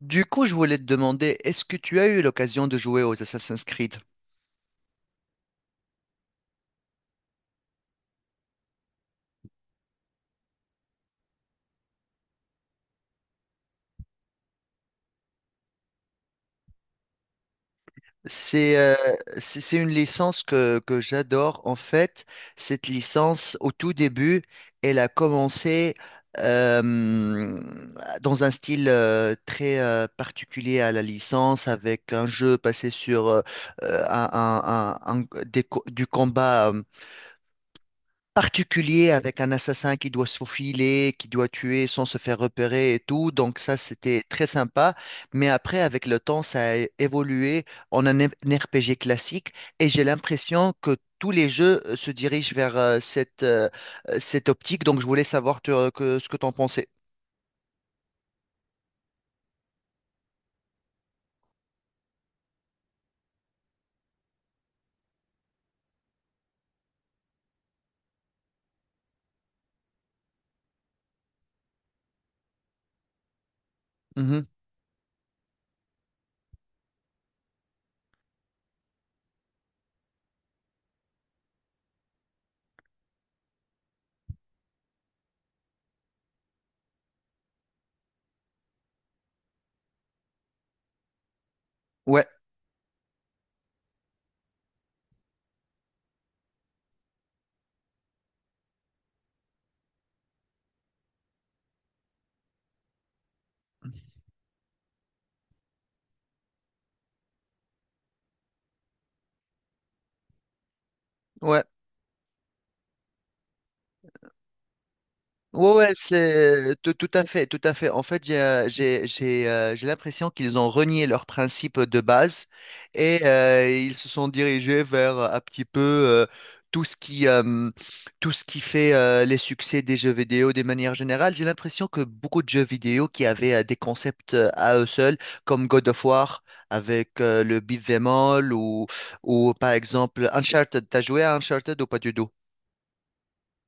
Du coup, je voulais te demander, est-ce que tu as eu l'occasion de jouer aux Assassin's Creed? C'est euh, c'est une licence que j'adore. En fait, cette licence, au tout début, elle a commencé euh, dans un style très particulier à la licence, avec un jeu passé sur du combat, particulier avec un assassin qui doit se faufiler, qui doit tuer sans se faire repérer et tout. Donc ça, c'était très sympa. Mais après, avec le temps, ça a évolué en un RPG classique et j'ai l'impression que tous les jeux se dirigent vers cette optique. Donc je voulais savoir ce que tu en pensais. Mhm. Ouais, ouais. Ouais, ouais, c'est tout à fait, tout à fait. En fait, j'ai l'impression qu'ils ont renié leurs principes de base et ils se sont dirigés vers un petit peu tout ce qui euh, tout ce qui fait les succès des jeux vidéo de manière générale. J'ai l'impression que beaucoup de jeux vidéo qui avaient des concepts à eux seuls, comme God of War avec le beat'em all ou par exemple Uncharted. T'as joué à Uncharted ou pas du tout?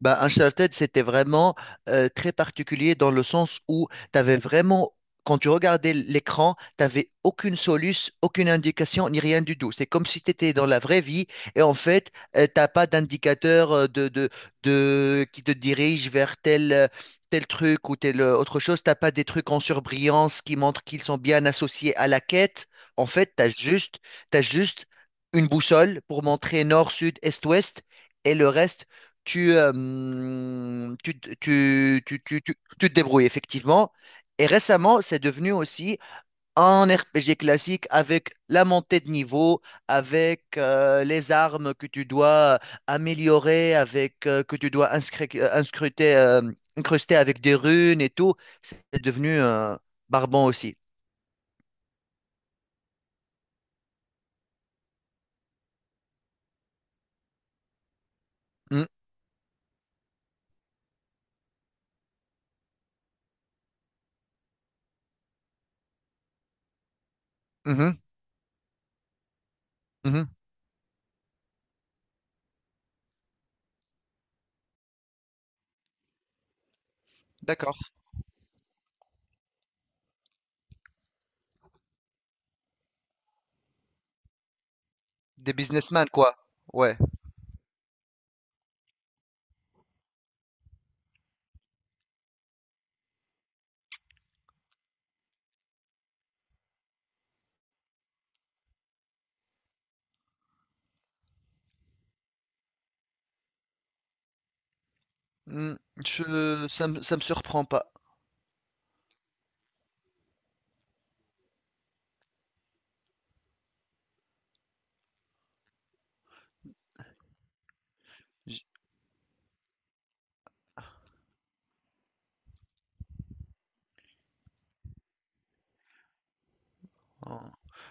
Bah, Uncharted, c'était vraiment très particulier dans le sens où tu avais vraiment, quand tu regardais l'écran, tu n'avais aucune soluce, aucune indication, ni rien du tout. C'est comme si tu étais dans la vraie vie et en fait, tu t'as pas d'indicateur qui te dirige vers tel truc ou telle autre chose. T'as pas des trucs en surbrillance qui montrent qu'ils sont bien associés à la quête. En fait, t'as juste une boussole pour montrer nord, sud, est, ouest et le reste tu te débrouilles effectivement. Et récemment, c'est devenu aussi un RPG classique avec la montée de niveau, avec les armes que tu dois améliorer, avec que tu dois incruster avec des runes et tout. C'est devenu barbant aussi. Hmm. Mhm, mhm. D'accord. Des businessmen, quoi. Ouais. Hmm, ça me surprend pas. Oh.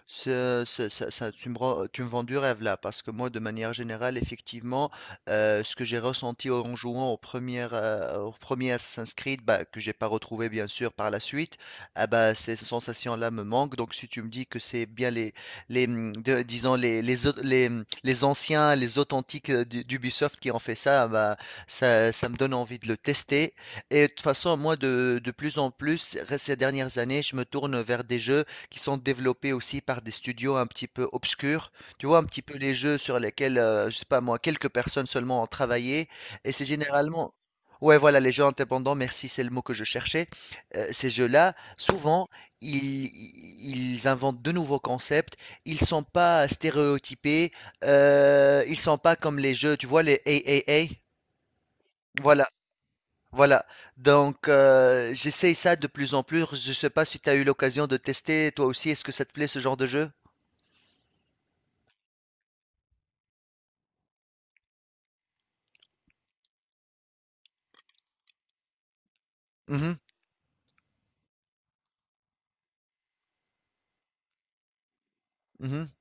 Tu me vends du rêve là, parce que moi, de manière générale, effectivement, ce que j'ai ressenti en jouant au premier, Assassin's Creed, bah, que j'ai pas retrouvé bien sûr par la suite, ah bah, ces sensations-là me manquent. Donc, si tu me dis que c'est bien les de- disons les, au- les anciens, les authentiques d'Ubisoft qui ont fait ça, ah bah, ça me donne envie de le tester. Et de toute façon, moi, de plus en plus, ces dernières années, je me tourne vers des jeux qui sont développés aussi par des studios un petit peu obscurs. Tu vois, un petit peu les jeux sur lesquels, je sais pas moi, quelques personnes seulement ont travaillé. Et c'est généralement. Ouais, voilà, les jeux indépendants, merci, c'est le mot que je cherchais. Ces jeux-là, souvent, ils inventent de nouveaux concepts. Ils sont pas stéréotypés. Ils sont pas comme les jeux, tu vois, les triple A. Voilà. Voilà, donc j'essaye ça de plus en plus. Je sais pas si tu as eu l'occasion de tester toi aussi. Est-ce que ça te plaît ce genre de jeu? Mhm, mhm,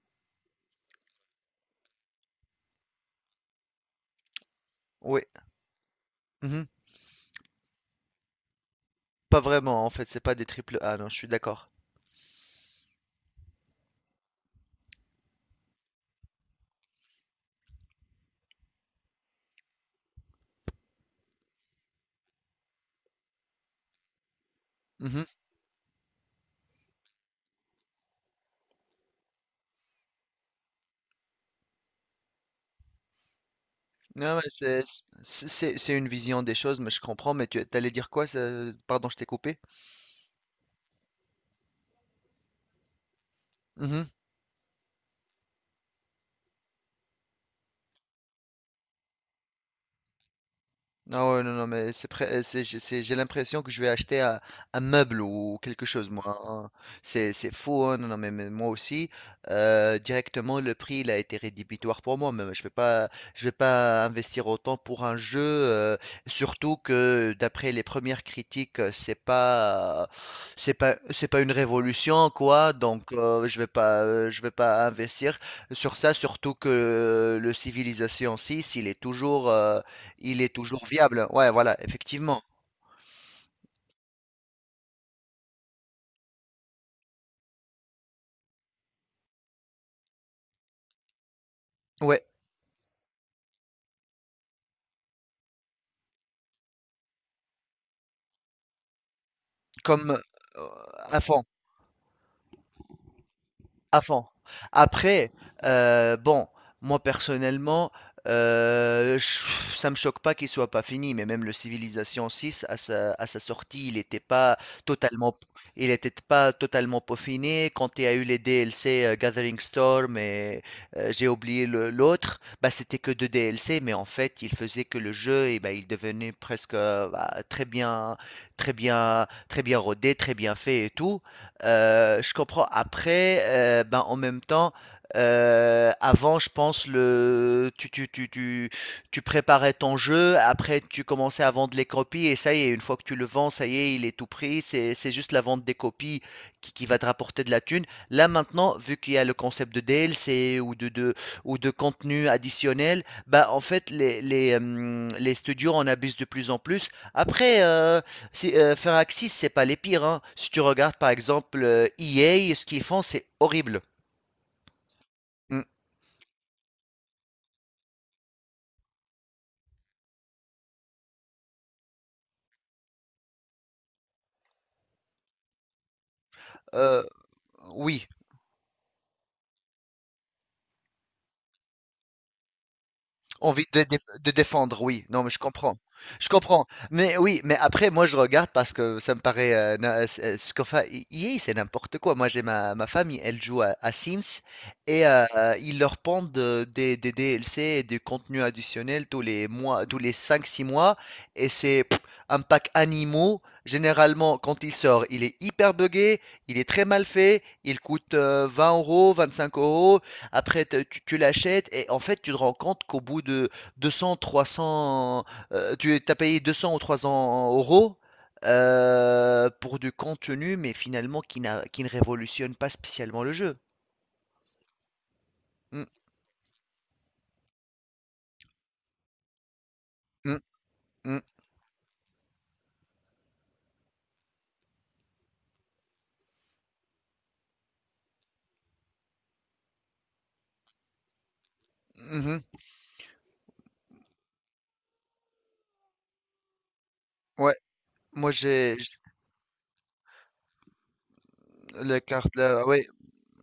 oui, mhm. Pas vraiment en fait, c'est pas des triple A, non, je suis d'accord. Mhm. Non, mais c'est une vision des choses, mais je comprends. Mais tu allais dire quoi? Pardon, je t'ai coupé. Non ouais, non, non, mais c'est prêt, j'ai l'impression que je vais acheter un meuble ou quelque chose, moi, hein. C'est fou, hein. Non, non, mais moi aussi, directement, le prix, il a été rédhibitoire pour moi. Même, je vais pas investir autant pour un jeu, surtout que d'après les premières critiques, c'est pas une révolution, quoi. Donc, je vais pas investir sur ça, surtout que le Civilization 6 il est toujours viable. Ouais, voilà, effectivement. Ouais, comme euh, avant. Avant. Après, bon, moi personnellement, ça me choque pas qu'il soit pas fini, mais même le Civilization 6, à sa sortie, il n'était pas totalement peaufiné. Quand il y a eu les DLC Gathering Storm et j'ai oublié l'autre, bah, c'était que deux DLC, mais en fait, il faisait que le jeu, et bah, il devenait presque bah, très bien, très bien, très bien rodé, très bien fait et tout. Je comprends. Après, ben, en même temps, avant, je pense, le, tu préparais ton jeu, après, tu commençais à vendre les copies, et ça y est, une fois que tu le vends, ça y est, il est tout pris, c'est juste la vente des copies qui va te rapporter de la thune. Là, maintenant, vu qu'il y a le concept de DLC ou de contenu additionnel, bah, en fait, les studios en abusent de plus en plus. Après, si, faire Axis, c'est pas les pires, hein. Si tu regardes par exemple EA, ce qu'ils font, c'est horrible. Mm. Euh, oui, envie de défendre, oui. Non, mais je comprends. Je comprends. Mais oui, mais après, moi, je regarde parce que ça me paraît. Na- ce qu'on fait- E- EA, c'est n'importe quoi. Moi, j'ai ma famille, elle joue à Sims et ils leur pondent des DLC et du contenu additionnel tous les mois, tous les 5, 6 mois. Et c'est un pack animaux. Généralement, quand il sort, il est hyper buggé, il est très mal fait, il coûte 20 euros, 25 euros. Après, tu l'achètes et en fait, tu te rends compte qu'au bout de 200, 300, tu as payé 200 ou 300 € pour du contenu, mais finalement qui ne révolutionne pas spécialement le jeu. Mm, mm, mm, mhm. Ouais, moi la carte là, ouais.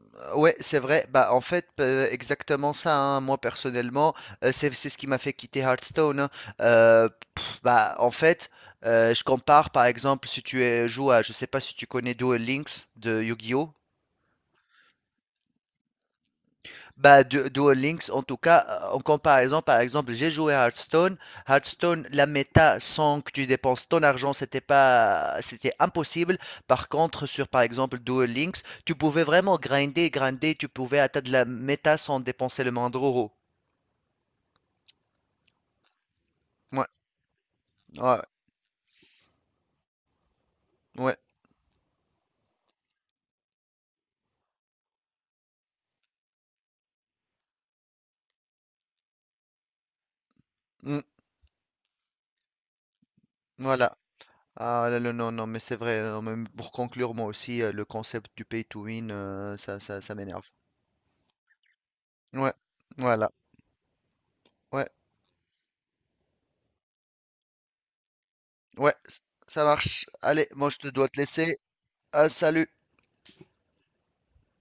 Ouais, c'est vrai. Bah, en fait, exactement ça, hein. Moi, personnellement, c'est ce qui m'a fait quitter Hearthstone, hein. Euh, bah, en fait, je compare, par exemple, si joues à, je sais pas si tu connais Duel Links de Yu-Gi-Oh! Bah, Duel Links, en tout cas, en comparaison, par exemple, j'ai joué à Hearthstone. Hearthstone, la méta, sans que tu dépenses ton argent, c'était pas, c'était impossible. Par contre, sur, par exemple, Duel Links, tu pouvais vraiment grinder, grinder, tu pouvais atteindre la méta sans dépenser le moindre euro. Ouais, ouais, ouais, mm, voilà. Ah là, là, non, non, mais c'est vrai. Non, mais pour conclure, moi aussi, le concept du pay to win, ça m'énerve. Ouais, voilà, ouais, ouais, ça marche. Allez, moi je te dois te laisser. Ah, salut!